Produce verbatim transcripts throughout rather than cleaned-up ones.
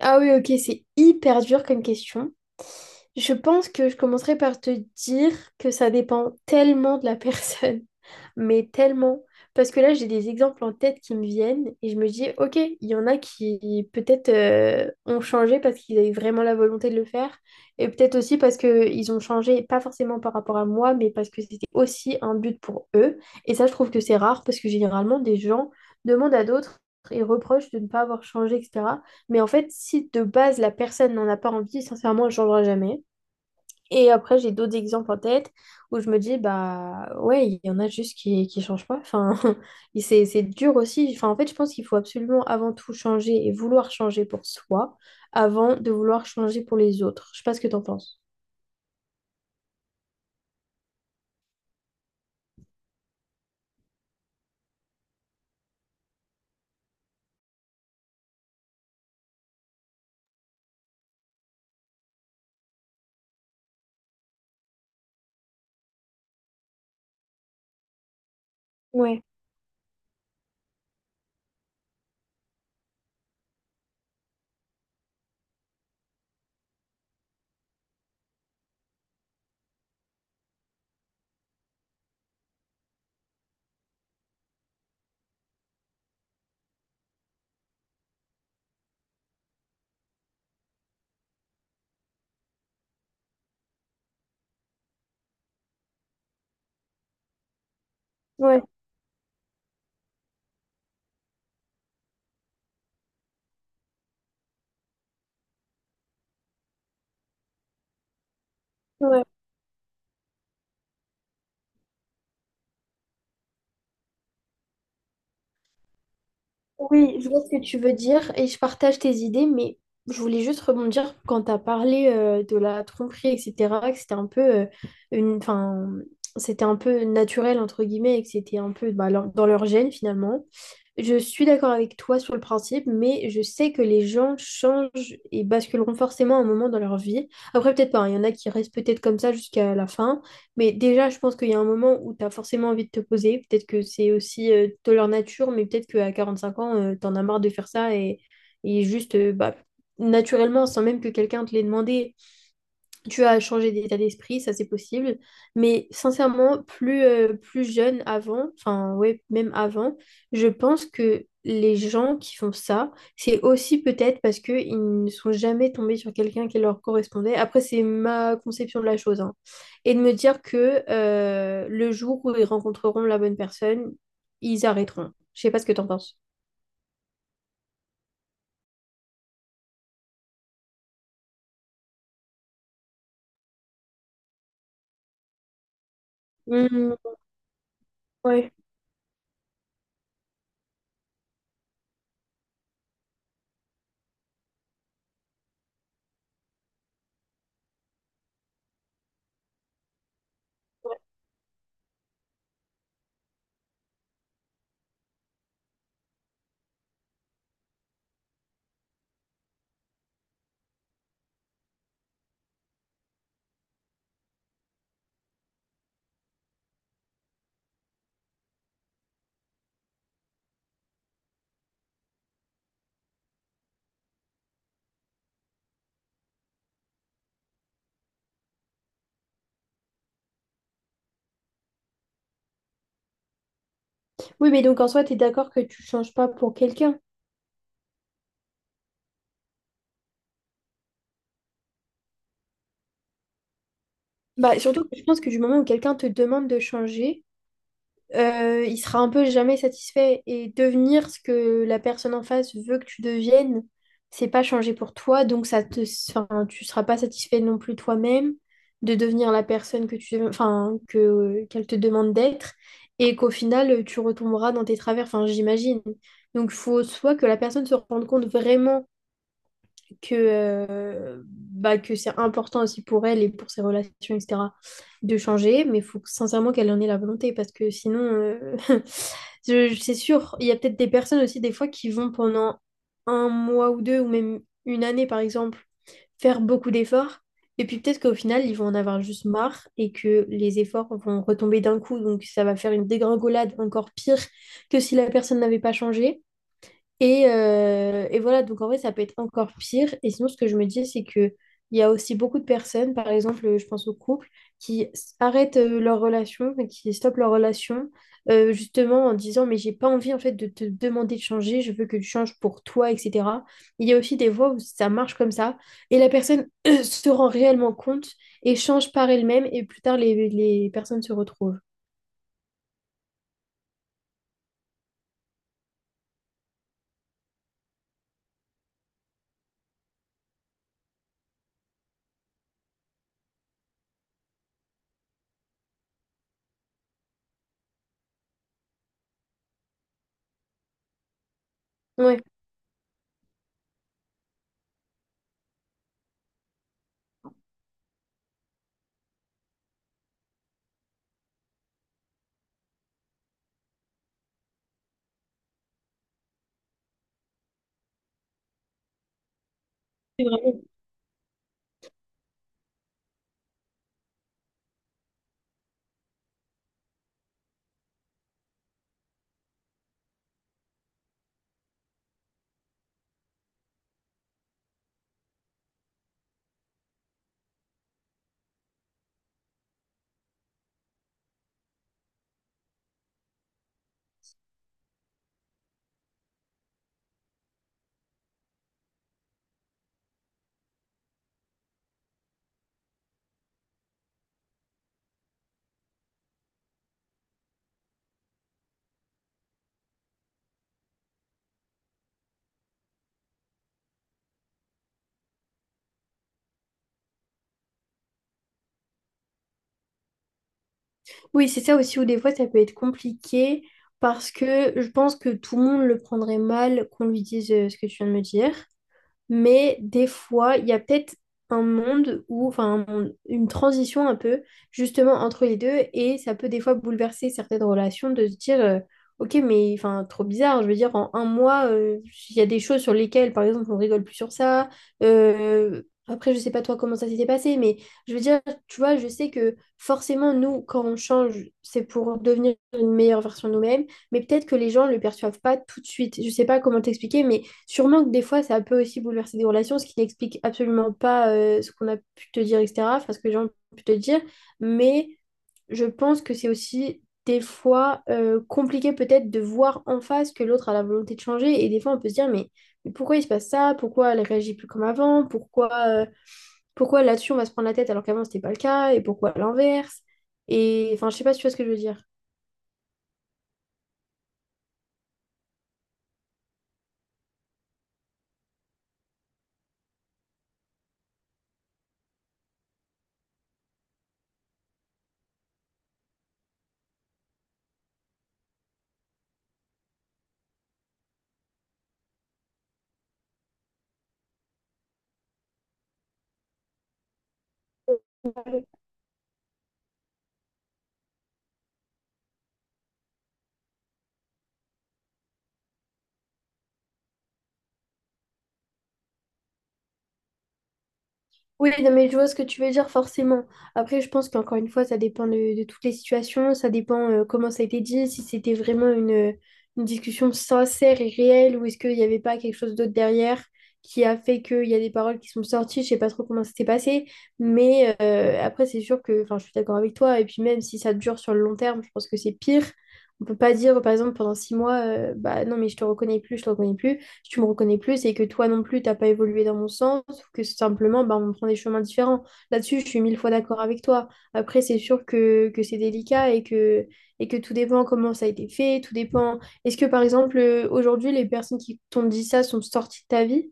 Ah oui, ok, c'est hyper dur comme question. Je pense que je commencerai par te dire que ça dépend tellement de la personne, mais tellement. Parce que là, j'ai des exemples en tête qui me viennent et je me dis, ok, il y en a qui peut-être euh, ont changé parce qu'ils avaient vraiment la volonté de le faire, et peut-être aussi parce qu'ils ont changé, pas forcément par rapport à moi, mais parce que c'était aussi un but pour eux. Et ça, je trouve que c'est rare parce que généralement, des gens demandent à d'autres et reprochent de ne pas avoir changé, et cetera. Mais en fait, si de base la personne n'en a pas envie, sincèrement, elle ne changera jamais. Et après, j'ai d'autres exemples en tête où je me dis, bah ouais, il y en a juste qui qui changent pas. Enfin, et c'est c'est dur aussi. Enfin, en fait, je pense qu'il faut absolument avant tout changer et vouloir changer pour soi avant de vouloir changer pour les autres. Je sais pas ce que t'en penses. Ouais, ouais, ouais. Oui, je vois ce que tu veux dire et je partage tes idées, mais je voulais juste rebondir quand tu as parlé euh, de la tromperie, et cetera, que c'était un peu euh, une, enfin, c'était un peu naturel entre guillemets et que c'était un peu bah, leur- dans leur gène finalement. Je suis d'accord avec toi sur le principe, mais je sais que les gens changent et basculeront forcément un moment dans leur vie. Après, peut-être pas, hein, il y en a qui restent peut-être comme ça jusqu'à la fin, mais déjà, je pense qu'il y a un moment où tu as forcément envie de te poser. Peut-être que c'est aussi euh, de leur nature, mais peut-être qu'à cinq ans, tu en as marre de faire ça et, et juste, euh, bah, naturellement, sans même que quelqu'un te l'ait demandé, tu as changé d'état d'esprit, ça c'est possible. Mais sincèrement, plus, euh, plus jeune avant, enfin ouais, même avant, je pense que les gens qui font ça, c'est aussi peut-être parce qu'ils ne sont jamais tombés sur quelqu'un qui leur correspondait. Après, c'est ma conception de la chose, hein. Et de me dire que euh, le jour où ils rencontreront la bonne personne, ils arrêteront. Je sais pas ce que t'en penses. Mhm, ouais. Oui, mais donc en soi, tu es d'accord que tu changes pas pour quelqu'un. Bah, surtout, que je pense que du moment où quelqu'un te demande de changer, euh, il sera un peu jamais satisfait. Et devenir ce que la personne en face veut que tu deviennes, c'est pas changer pour toi. Donc, ça te, enfin, tu seras pas satisfait non plus toi-même de devenir la personne que tu, enfin, que, qu'elle te demande d'être. Et qu'au final, tu retomberas dans tes travers. Enfin, j'imagine. Donc, faut soit que la personne se rende compte vraiment que, euh, bah, que c'est important aussi pour elle et pour ses relations, et cetera, de changer, mais il faut que- sincèrement qu'elle en ait la volonté, parce que sinon, euh, je- je- c'est sûr, il y a peut-être des personnes aussi, des fois, qui vont pendant un mois ou deux, ou même une année, par exemple, faire beaucoup d'efforts, et puis peut-être qu'au final, ils vont en avoir juste marre, et que les efforts vont retomber d'un coup, donc ça va faire une dégringolade encore pire que si la personne n'avait pas changé. Et, euh, et voilà, donc en vrai, ça peut être encore pire. Et sinon, ce que je me dis, c'est que il y a aussi beaucoup de personnes, par exemple, euh, je pense aux couples, qui s- arrêtent euh, leur relation, mais qui stoppent leur relation, euh, justement en disant, mais j'ai pas envie en fait de te demander de changer, je veux que tu changes pour toi, et cetera. Il y a aussi des fois où ça marche comme ça, et la personne se rend réellement compte et change par elle-même, et plus tard, les, les personnes se retrouvent. Ouais, c'est vraiment. Oui, c'est ça aussi où des fois ça peut être compliqué parce que je pense que tout le monde le prendrait mal qu'on lui dise euh, ce que tu viens de me dire. Mais des fois, il y a peut-être un monde où, enfin, un monde- une transition un peu, justement, entre les deux, et ça peut des fois bouleverser certaines relations de se dire, euh, ok, mais enfin, trop bizarre, je veux dire, en un mois, euh, il y a des choses sur lesquelles, par exemple, on rigole plus sur ça. Euh, après, je sais pas toi comment ça s'était passé, mais je veux dire, tu vois, je sais que forcément, nous, quand on change, c'est pour devenir une meilleure version de nous-mêmes, mais peut-être que les gens le perçoivent pas tout de suite. Je sais pas comment t'expliquer, mais sûrement que des fois, ça peut aussi bouleverser des relations, ce qui n'explique absolument pas euh, ce qu'on a pu te dire, et cetera, enfin, ce que les gens ont pu te dire. Mais je pense que c'est aussi des fois euh, compliqué peut-être de voir en face que l'autre a la volonté de changer. Et des fois, on peut se dire, mais, mais pourquoi il se passe ça? Pourquoi elle réagit plus comme avant? Pourquoi, euh, pourquoi là-dessus, on va se prendre la tête alors qu'avant, c'était pas le cas? Et pourquoi à l'inverse? Et enfin, je sais pas si tu vois ce que je veux dire. Oui, non, mais je vois ce que tu veux dire forcément. Après, je pense qu'encore une fois, ça dépend de, de toutes les situations, ça dépend euh, comment ça a été dit, si c'était vraiment une, euh, une discussion sincère et réelle ou est-ce qu'il n'y avait pas quelque chose d'autre derrière qui a fait qu'il y a des paroles qui sont sorties. Je sais pas trop comment ça s'est passé, mais euh, après, c'est sûr que enfin, je suis d'accord avec toi. Et puis même si ça dure sur le long terme, je pense que c'est pire. On peut pas dire, par exemple, pendant six mois, euh, bah non, mais je te reconnais plus, je te reconnais plus, tu me reconnais plus et que toi non plus, t'as pas évolué dans mon sens, ou que simplement, bah, on prend des chemins différents. Là-dessus, je suis mille fois d'accord avec toi. Après, c'est sûr que, que c'est délicat et que, et que tout dépend comment ça a été fait, tout dépend. Est-ce que, par exemple, euh, aujourd'hui, les personnes qui t'ont dit ça sont sorties de ta vie?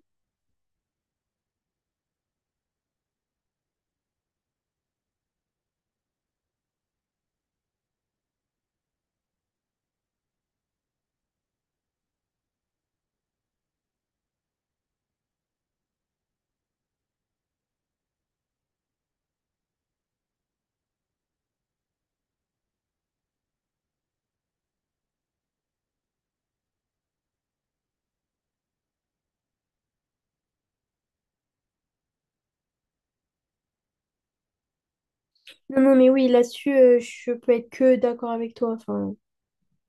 Non, non, mais oui, là-dessus, euh, je peux être que d'accord avec toi. Enfin,